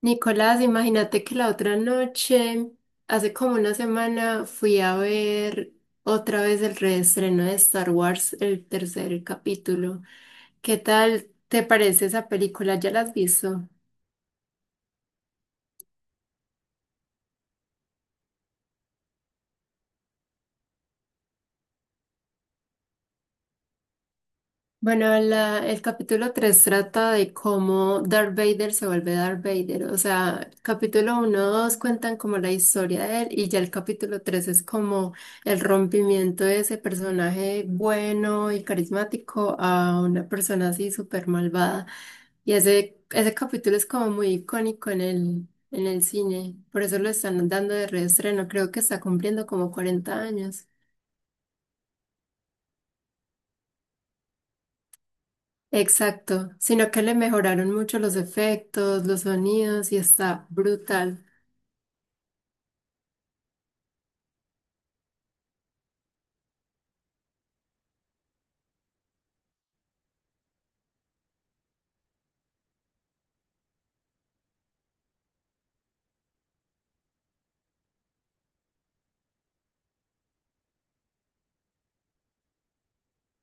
Nicolás, imagínate que la otra noche, hace como una semana, fui a ver otra vez el reestreno de Star Wars, el tercer capítulo. ¿Qué tal te parece esa película? ¿Ya la has visto? Bueno, el capítulo 3 trata de cómo Darth Vader se vuelve Darth Vader. O sea, capítulo uno, 2 cuentan como la historia de él y ya el capítulo 3 es como el rompimiento de ese personaje bueno y carismático a una persona así súper malvada. Y ese capítulo es como muy icónico en el cine. Por eso lo están dando de reestreno. Creo que está cumpliendo como 40 años. Exacto, sino que le mejoraron mucho los efectos, los sonidos y está brutal.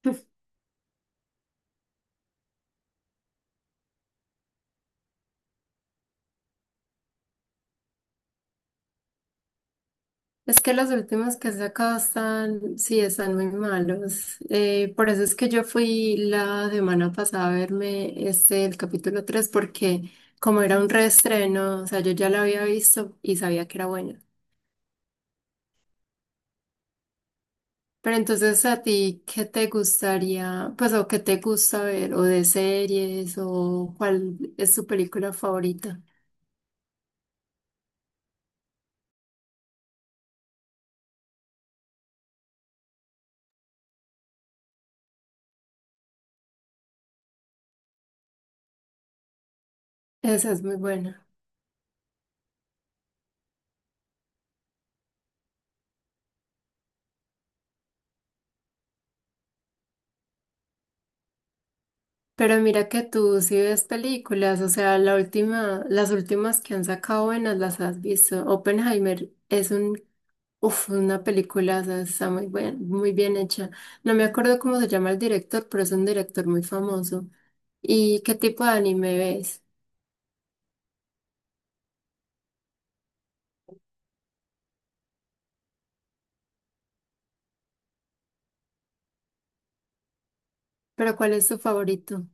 Es que los últimos que he sacado están, sí, están muy malos. Por eso es que yo fui la semana pasada a verme este, el capítulo 3 porque como era un reestreno, o sea, yo ya lo había visto y sabía que era bueno. Pero entonces, ¿a ti qué te gustaría, pues, o qué te gusta ver, o de series, o cuál es tu película favorita? Esa es muy buena. Pero mira que tú sí ves películas, o sea, la última, las últimas que han sacado buenas las has visto. Oppenheimer es un, uf, una película, o sea, está muy bien hecha. No me acuerdo cómo se llama el director, pero es un director muy famoso. ¿Y qué tipo de anime ves? ¿Pero cuál es tu favorito?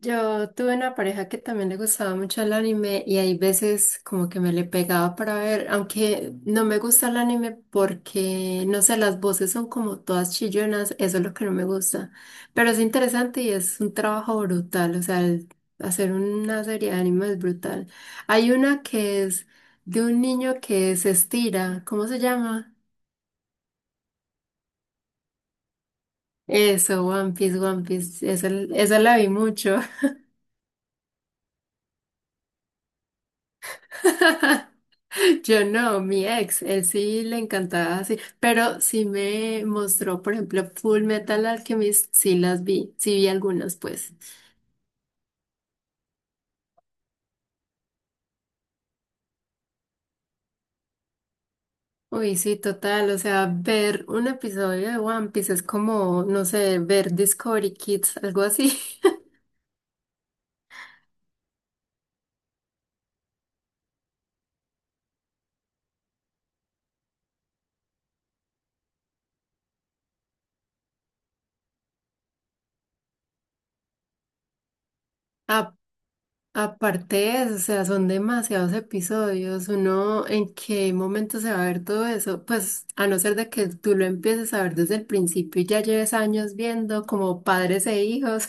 Yo tuve una pareja que también le gustaba mucho el anime y hay veces como que me le pegaba para ver, aunque no me gusta el anime porque, no sé, las voces son como todas chillonas, eso es lo que no me gusta. Pero es interesante y es un trabajo brutal, o sea, hacer una serie de anime es brutal. Hay una que es de un niño que se estira, ¿cómo se llama? Eso, One Piece, esa la vi mucho. Yo no, mi ex, él sí le encantaba así, pero sí me mostró, por ejemplo, Full Metal Alchemist, sí las vi, sí vi algunas, pues. Uy, sí, total, o sea, ver un episodio de One Piece es como, no sé, ver Discovery Kids, algo así. A- aparte de eso, o sea, son demasiados episodios, uno, ¿en qué momento se va a ver todo eso? Pues, a no ser de que tú lo empieces a ver desde el principio y ya lleves años viendo como padres e hijos.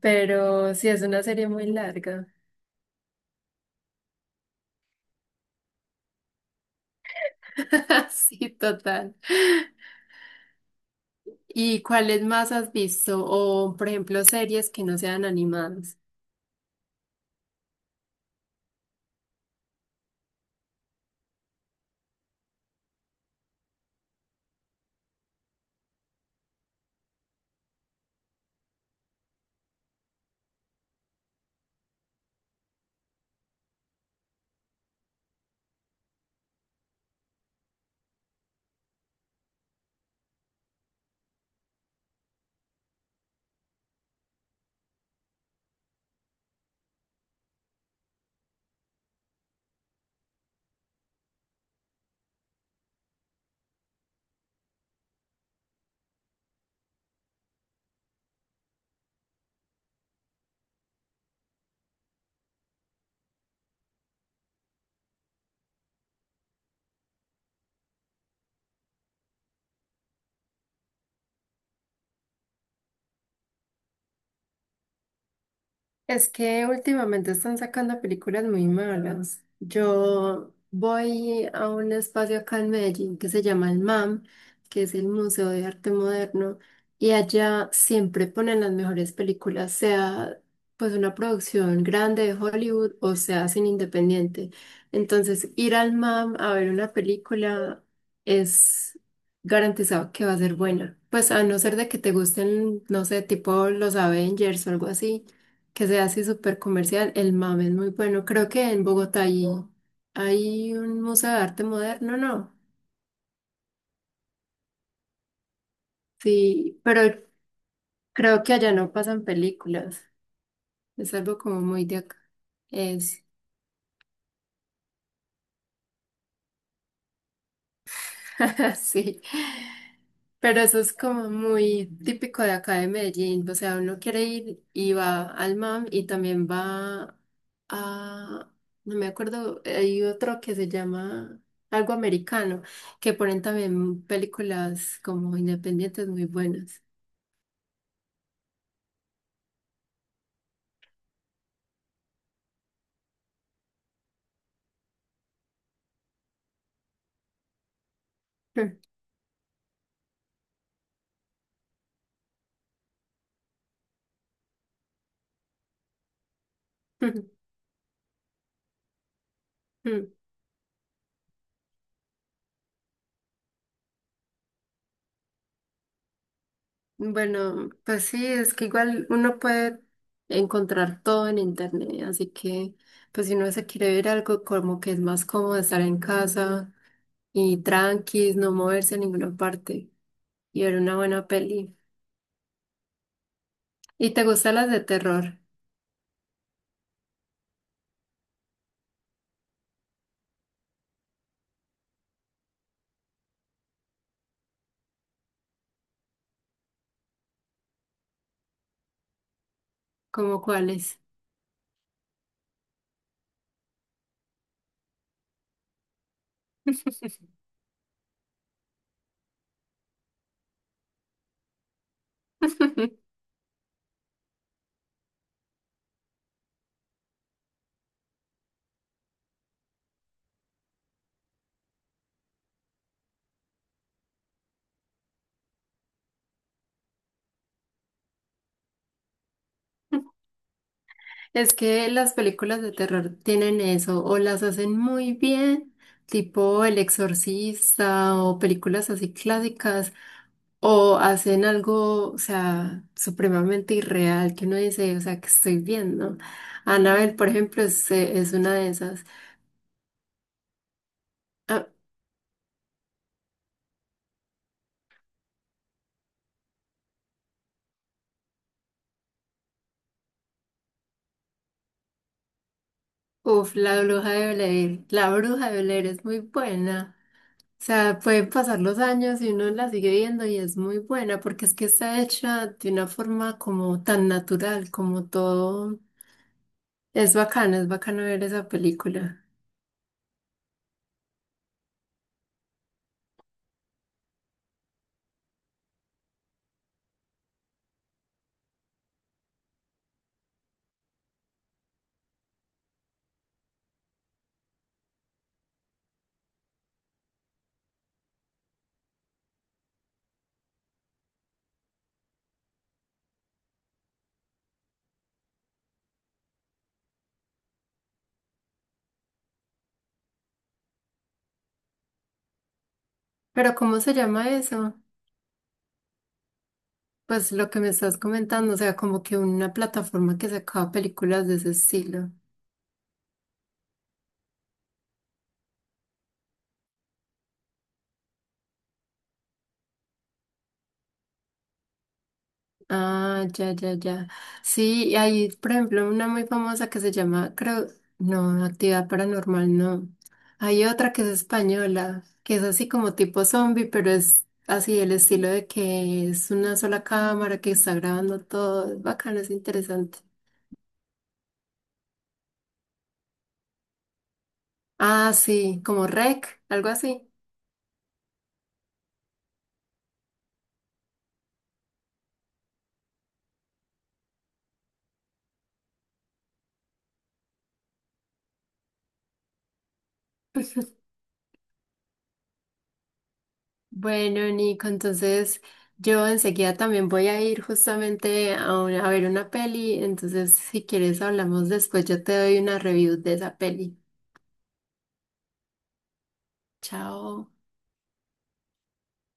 Pero sí, es una serie muy larga. Sí, total. ¿Y cuáles más has visto? O, por ejemplo, series que no sean animadas. Es que últimamente están sacando películas muy malas. Yo voy a un espacio acá en Medellín que se llama el MAM, que es el Museo de Arte Moderno, y allá siempre ponen las mejores películas, sea pues una producción grande de Hollywood o sea sin independiente. Entonces, ir al MAM a ver una película es garantizado que va a ser buena. Pues a no ser de que te gusten, no sé, tipo los Avengers o algo así que sea así súper comercial, el MAM es muy bueno. Creo que en Bogotá hay un museo de arte moderno, ¿no? Sí, pero creo que allá no pasan películas. Es algo como muy de acá. Sí. Pero eso es como muy típico de acá de Medellín. O sea, uno quiere ir y va al MAM y también va a, no me acuerdo, hay otro que se llama algo americano, que ponen también películas como independientes muy buenas. Bueno, pues sí, es que igual uno puede encontrar todo en internet, así que pues si uno se quiere ver algo como que es más cómodo estar en casa y tranquis, no moverse a ninguna parte y ver una buena peli. ¿Y te gustan las de terror? ¿Como cuáles? Es que las películas de terror tienen eso, o las hacen muy bien, tipo El Exorcista o películas así clásicas, o hacen algo, o sea, supremamente irreal que uno dice, o sea, que estoy viendo. Annabelle, por ejemplo, es una de esas. Ah, uf, la bruja de Blair, la bruja de Blair es muy buena. O sea, pueden pasar los años y uno la sigue viendo y es muy buena porque es que está hecha de una forma como tan natural, como todo. Es bacana, es bacano ver esa película. Pero ¿cómo se llama eso? Pues lo que me estás comentando, o sea, como que una plataforma que sacaba películas de ese estilo. Ah, ya, ya, ya. Sí, y hay, por ejemplo, una muy famosa que se llama, creo, no, Actividad Paranormal, no. Hay otra que es española, que es así como tipo zombie, pero es así el estilo de que es una sola cámara que está grabando todo. Es bacano, es interesante. Ah, sí, como Rec, algo así. Bueno, Nico, entonces yo enseguida también voy a ir justamente a, a ver una peli, entonces si quieres hablamos después, yo te doy una review de esa peli. Chao.